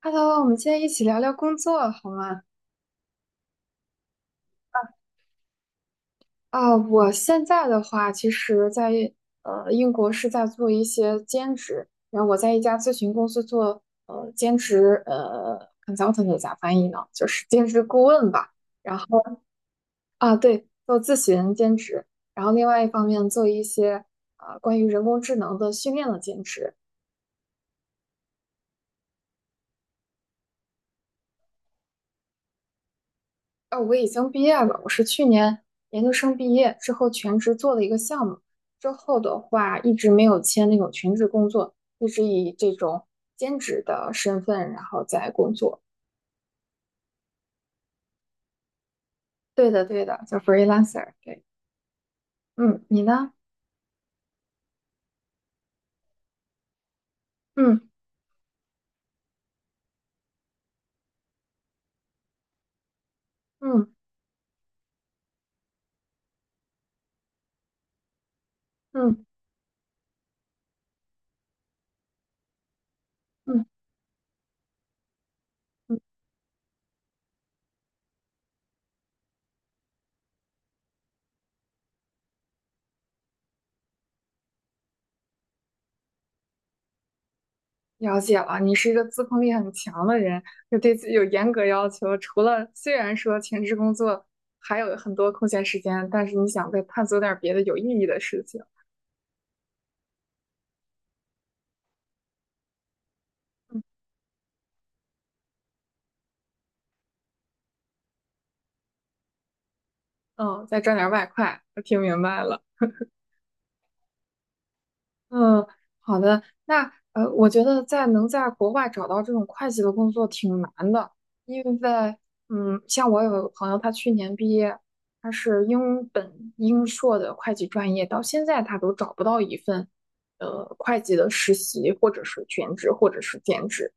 Hello，我们今天一起聊聊工作好吗？啊，我现在的话，其实在，英国是在做一些兼职，然后我在一家咨询公司做兼职，consultant 咋翻译呢？就是兼职顾问吧。啊，对，做咨询兼职，然后另外一方面做一些关于人工智能的训练的兼职。我已经毕业了，我是去年研究生毕业之后全职做了一个项目，之后的话一直没有签那种全职工作，一直以这种兼职的身份然后在工作。对的，对的，叫 freelancer。对，嗯，你呢？嗯嗯嗯嗯嗯，了解了，你是一个自控力很强的人，就对自己有严格要求。除了虽然说全职工作还有很多空闲时间，但是你想再探索点儿别的有意义的事情。嗯嗯，再赚点外快，我听明白了。嗯，好的。那我觉得能在国外找到这种会计的工作挺难的，因为像我有个朋友，他去年毕业，他是英本英硕的会计专业，到现在他都找不到一份会计的实习，或者是全职，或者是兼职。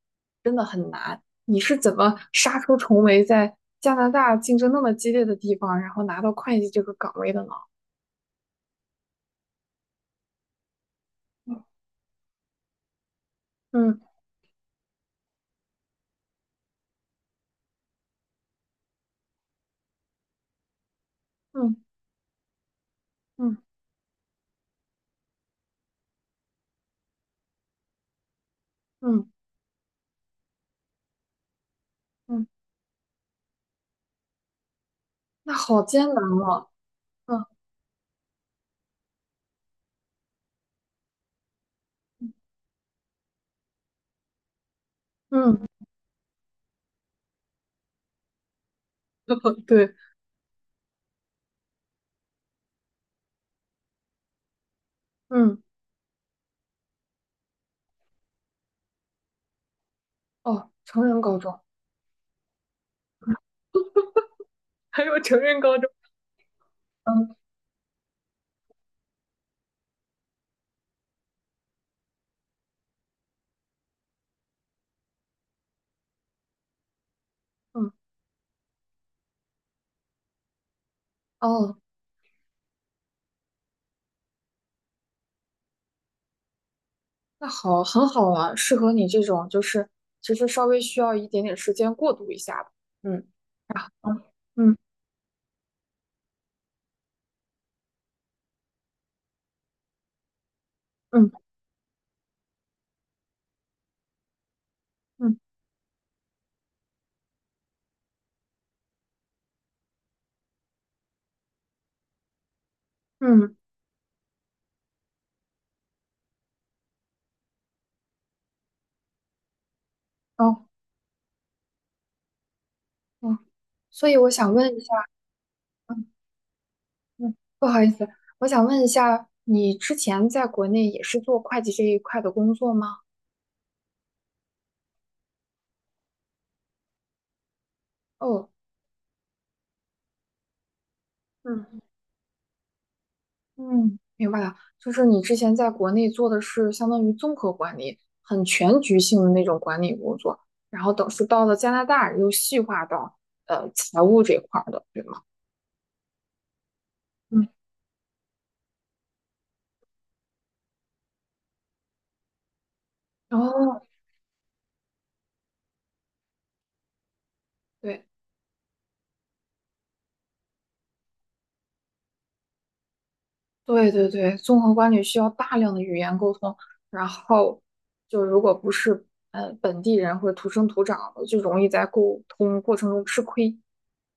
你是怎么杀出重围，在加拿大竞争那么激烈的地方，然后拿到会计这个岗位的呢？嗯嗯嗯嗯。嗯，那好艰难啊。嗯嗯，对，嗯，哦，成人高中，还有成人高中，嗯嗯，哦，那好，很好啊，适合你这种，就是其实稍微需要一点点时间过渡一下的。嗯，啊，嗯嗯嗯嗯，哦哦，所以我想问一下，嗯嗯，不好意思，我想问一下，你之前在国内也是做会计这一块的工作吗？哦，嗯。嗯，明白了，就是你之前在国内做的是相当于综合管理，很全局性的那种管理工作，然后等是到了加拿大又细化到财务这块儿的，对吗？嗯，哦，对对对对，综合管理需要大量的语言沟通，然后就如果不是本地人或者土生土长的，就容易在沟通过程中吃亏。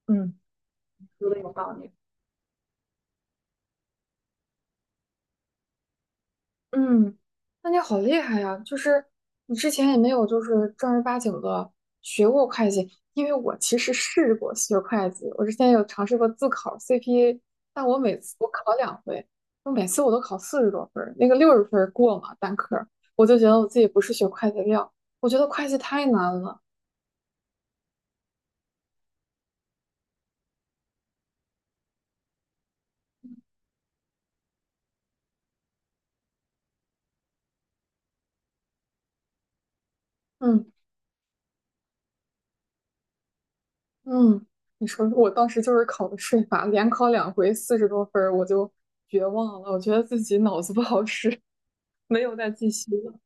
嗯，说的有道理。嗯，那你好厉害呀！就是你之前也没有就是正儿八经的学过会计，因为我其实试过学会计，我之前有尝试过自考 CPA，但我每次我考两回，我每次我都考四十多分儿那个60分儿过嘛单科儿我就觉得我自己不是学会计的料，我觉得会计太难了。嗯嗯，你说我当时就是考的税法，连考两回四十多分儿我就绝望了，我觉得自己脑子不好使，没有再继续了。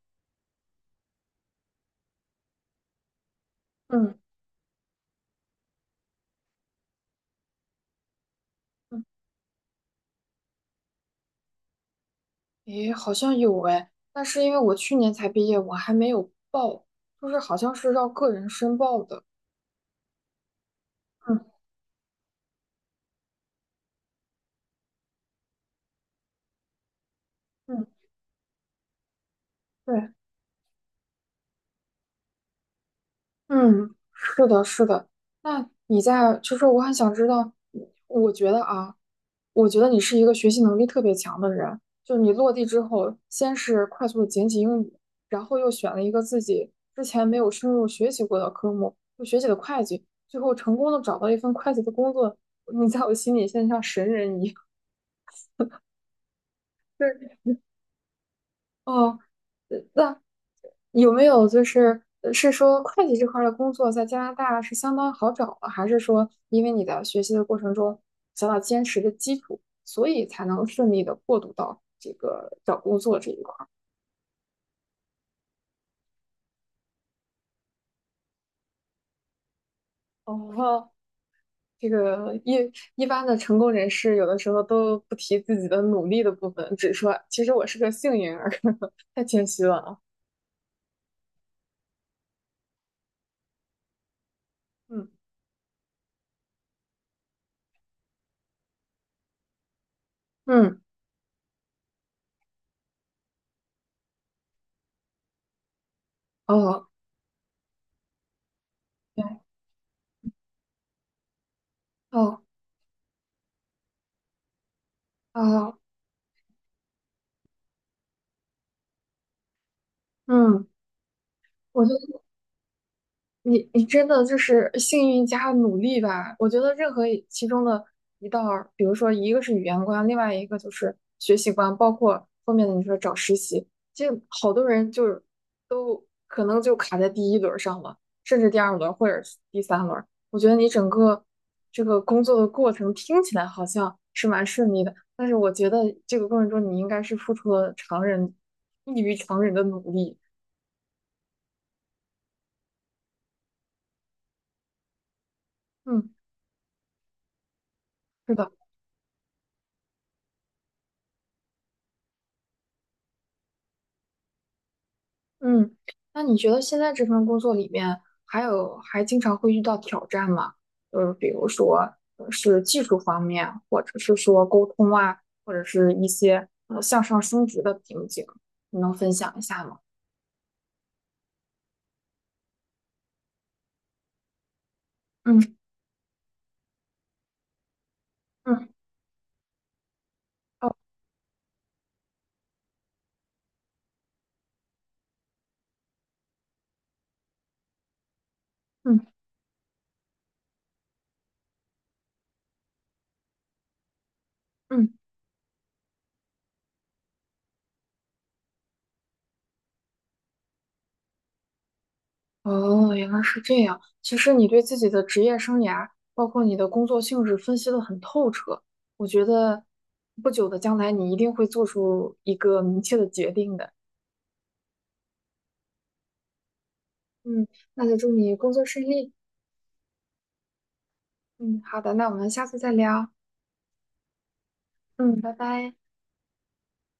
嗯，嗯诶，好像有诶，但是因为我去年才毕业，我还没有报，就是好像是要个人申报的。嗯嗯，对，嗯，是的，是的。那你在，就是我很想知道，我觉得啊，我觉得你是一个学习能力特别强的人，就你落地之后，先是快速的捡起英语，然后又选了一个自己之前没有深入学习过的科目，就学习的会计，最后成功的找到一份会计的工作。你在我心里像神人一样。是哦，那有没有就是是说会计这块儿的工作在加拿大是相当好找吗？还是说因为你在学习的过程中想要坚实的基础，所以才能顺利的过渡到这个找工作这一块儿？哦，这个一般的成功人士有的时候都不提自己的努力的部分，只说其实我是个幸运儿，太谦虚了啊。嗯嗯，哦，对，哦哦，嗯。我就。你真的就是幸运加努力吧？我觉得任何一其中的一道儿，比如说一个是语言关，另外一个就是学习关，包括后面的你说找实习，这好多人就是都可能就卡在第一轮儿上了，甚至第二轮儿或者是第三轮儿。我觉得你整个这个工作的过程听起来好像是蛮顺利的，但是我觉得这个过程中你应该是付出了异于常人的努力。嗯，是的。嗯，那你觉得现在这份工作里面还经常会遇到挑战吗？就是比如说是技术方面，或者是说沟通啊，或者是一些向上升职的瓶颈，你能分享一下吗？嗯嗯哦嗯嗯哦，原来是这样。其实你对自己的职业生涯，包括你的工作性质分析的很透彻，我觉得不久的将来你一定会做出一个明确的决定的。嗯，那就祝你工作顺利。嗯，好的，那我们下次再聊。嗯，拜拜。